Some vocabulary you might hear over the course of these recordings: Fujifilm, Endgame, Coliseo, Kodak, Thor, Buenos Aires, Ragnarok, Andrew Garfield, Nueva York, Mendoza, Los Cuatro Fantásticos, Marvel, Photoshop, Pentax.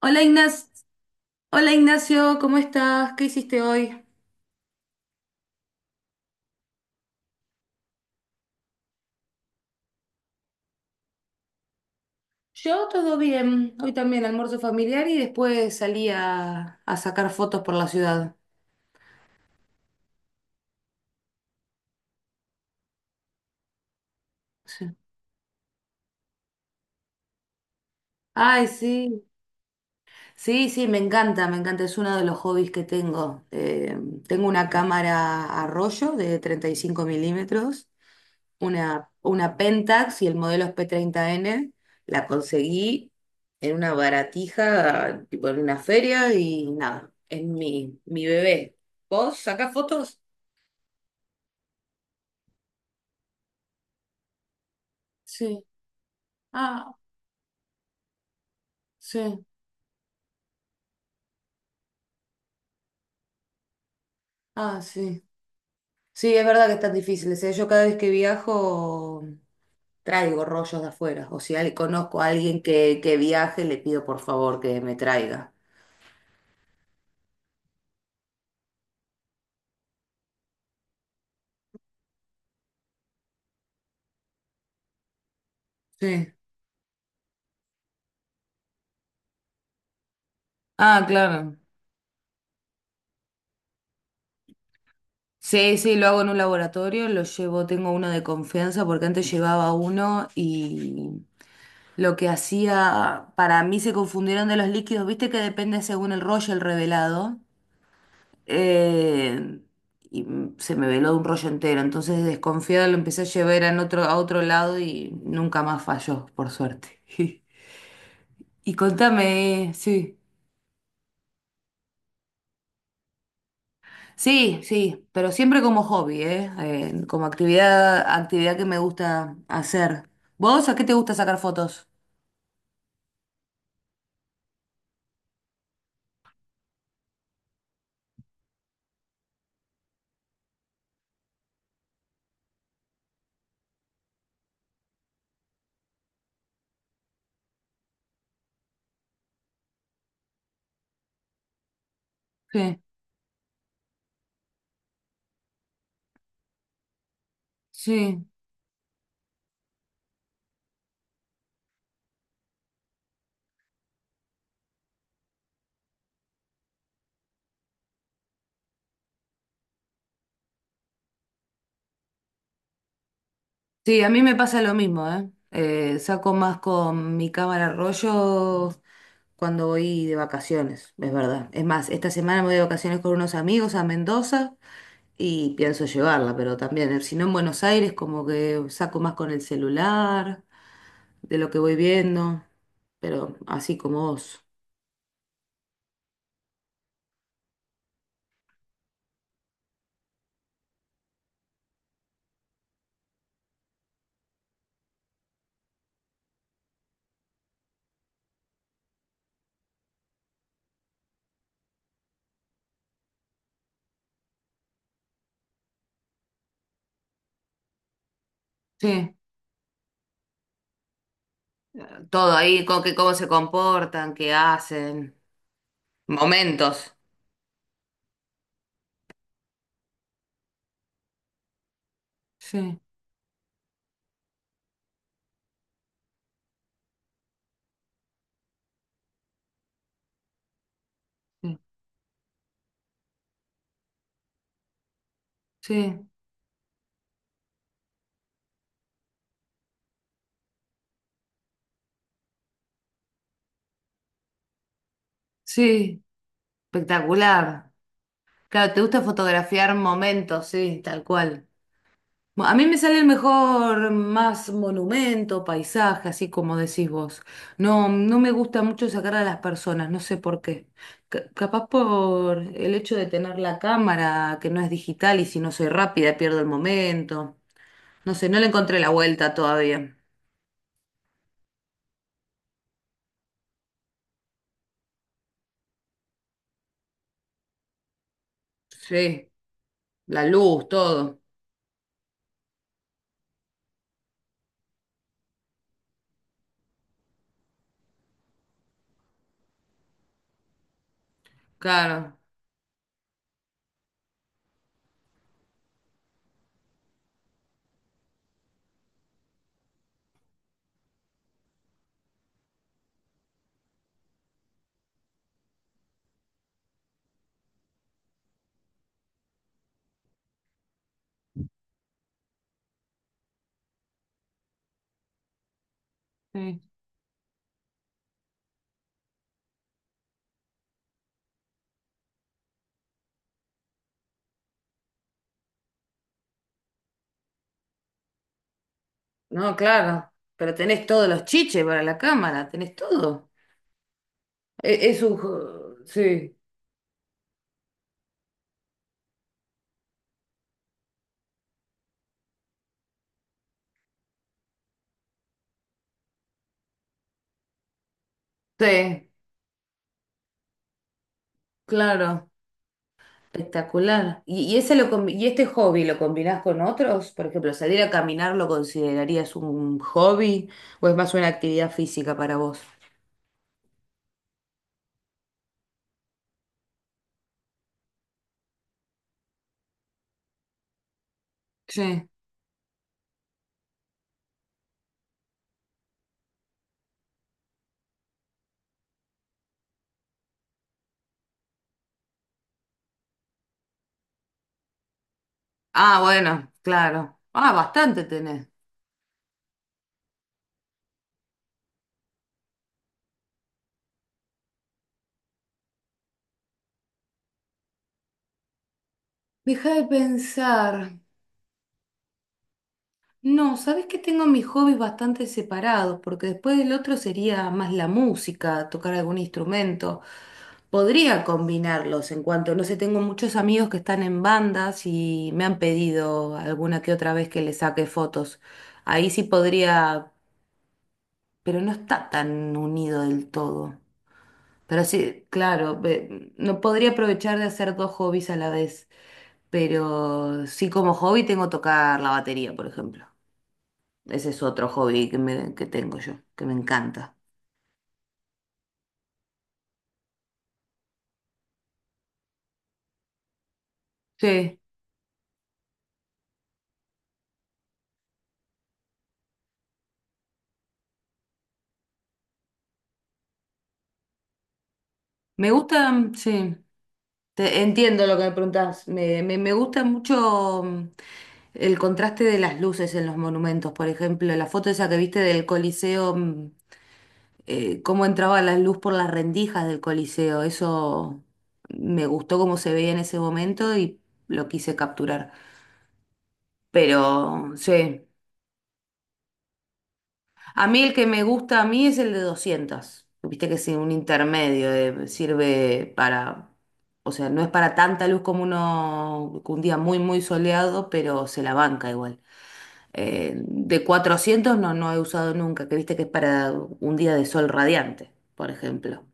Hola Ignacio, ¿cómo estás? ¿Qué hiciste hoy? Yo todo bien, hoy también almuerzo familiar y después salí a sacar fotos por la ciudad. Sí. Ay, sí, sí, me encanta, es uno de los hobbies que tengo. Tengo una cámara a rollo de 35 mm, una Pentax, y el modelo es P30N. La conseguí en una baratija, tipo en una feria, y nada, es mi bebé. ¿Vos sacás fotos? Sí. Ah, sí. Ah, sí. Sí, es verdad que están difíciles, ¿eh? Yo cada vez que viajo traigo rollos de afuera. O si conozco a alguien que viaje, le pido por favor que me traiga. Sí. Ah, claro. Sí, sí, lo hago en un laboratorio, lo llevo, tengo uno de confianza porque antes llevaba uno y lo que hacía, para mí se confundieron de los líquidos, viste que depende según el rollo, el revelado, eh, se me veló de un rollo entero, entonces desconfiada lo empecé a llevar en otro, a otro lado y nunca más falló, por suerte. Y contame, sí. Sí, sí, pero siempre como hobby, ¿eh? Como actividad que me gusta hacer. ¿Vos a qué te gusta sacar fotos? Sí, sí, sí, a mí me pasa lo mismo, ¿eh? Saco más con mi cámara rollo cuando voy de vacaciones, es verdad. Es más, esta semana me voy de vacaciones con unos amigos a Mendoza y pienso llevarla, pero también, si no en Buenos Aires, como que saco más con el celular, de lo que voy viendo, pero así como vos. Sí. Todo ahí, con que cómo se comportan, qué hacen, momentos. Sí, sí, sí, sí, espectacular. Claro, te gusta fotografiar momentos, sí, tal cual. A mí me sale el mejor más monumento, paisaje, así como decís vos. No, no me gusta mucho sacar a las personas, no sé por qué. Capaz por el hecho de tener la cámara, que no es digital, y si no soy rápida pierdo el momento. No sé, no le encontré la vuelta todavía. Sí. La luz, todo. Claro. Sí. No, claro. Pero tenés todos los chiches para la cámara, tenés todo. E- Es, un... jo- Sí, sí, claro. Espectacular. ¿Y este hobby lo combinás con otros? Por ejemplo, ¿salir a caminar lo considerarías un hobby o es más una actividad física para vos? Sí. Ah, bueno, claro. Ah, bastante tenés. Deja de pensar. No, sabes que tengo mis hobbies bastante separados, porque después del otro sería más la música, tocar algún instrumento. Podría combinarlos en cuanto, no sé, tengo muchos amigos que están en bandas y me han pedido alguna que otra vez que les saque fotos. Ahí sí podría, pero no está tan unido del todo. Pero sí, claro, no podría aprovechar de hacer dos hobbies a la vez, pero sí como hobby tengo tocar la batería, por ejemplo. Ese es otro hobby que tengo yo, que me encanta. Sí, me gusta, entiendo lo que me preguntás. Me gusta mucho, el contraste de las luces en los monumentos, por ejemplo, la foto esa que viste del Coliseo. Cómo entraba la luz por las rendijas del Coliseo, eso me gustó, cómo se veía en ese momento, y lo quise capturar. Pero sí. A mí el que me gusta a mí es el de 200. Viste que es un intermedio, sirve para, o sea, no es para tanta luz como uno, un día muy, muy soleado, pero se la banca igual. De 400 no, no he usado nunca, que viste que es para un día de sol radiante, por ejemplo.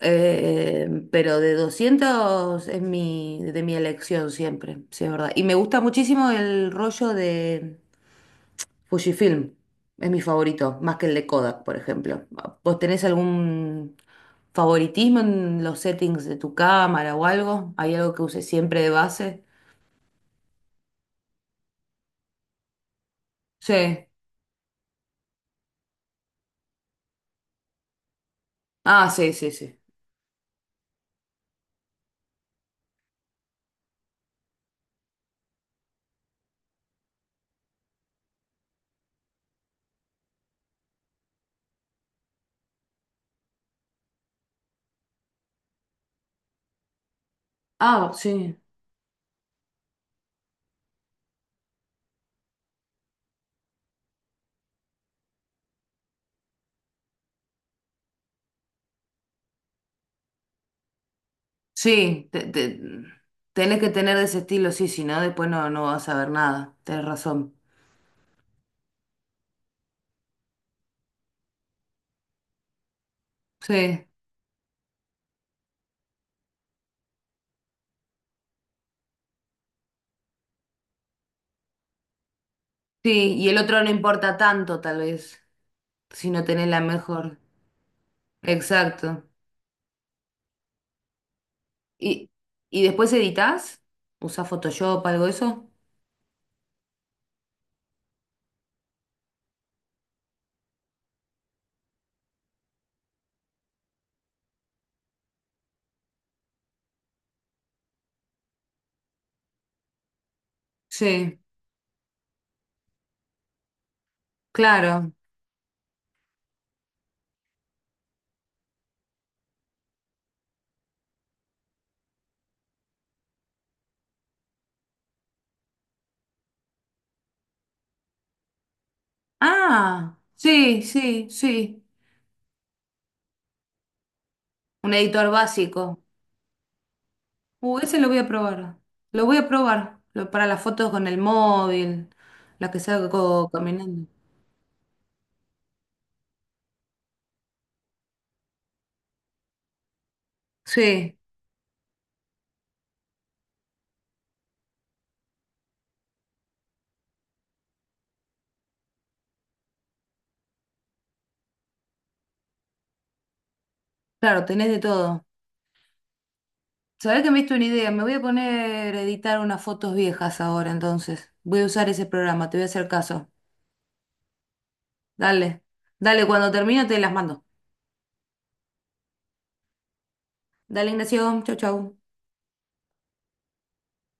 Pero de 200 es mi, de mi elección siempre, sí, es verdad. Y me gusta muchísimo el rollo de Fujifilm, es mi favorito, más que el de Kodak, por ejemplo. ¿Vos tenés algún favoritismo en los settings de tu cámara o algo? ¿Hay algo que uses siempre de base? Sí. Ah, sí, sí, sí. Ah, sí. Sí, tenés que tener de ese estilo, sí, si no, después no, no vas a ver nada. Tenés razón. Sí, sí, y el otro no importa tanto, tal vez, si no tenés la mejor. Exacto. ¿Y, y después editas? ¿Usás Photoshop, algo de eso? Sí, claro. Ah, sí, sí, sí. Un editor básico. Ese lo voy a probar. Lo voy a probar. Lo, para las fotos con el móvil, las que salgo caminando. Sí, claro, tenés de todo. Sabés que me diste una idea. Me voy a poner a editar unas fotos viejas ahora, entonces. Voy a usar ese programa, te voy a hacer caso. Dale. Dale, cuando termine te las mando. Dale, Ignacio. Chau, chau.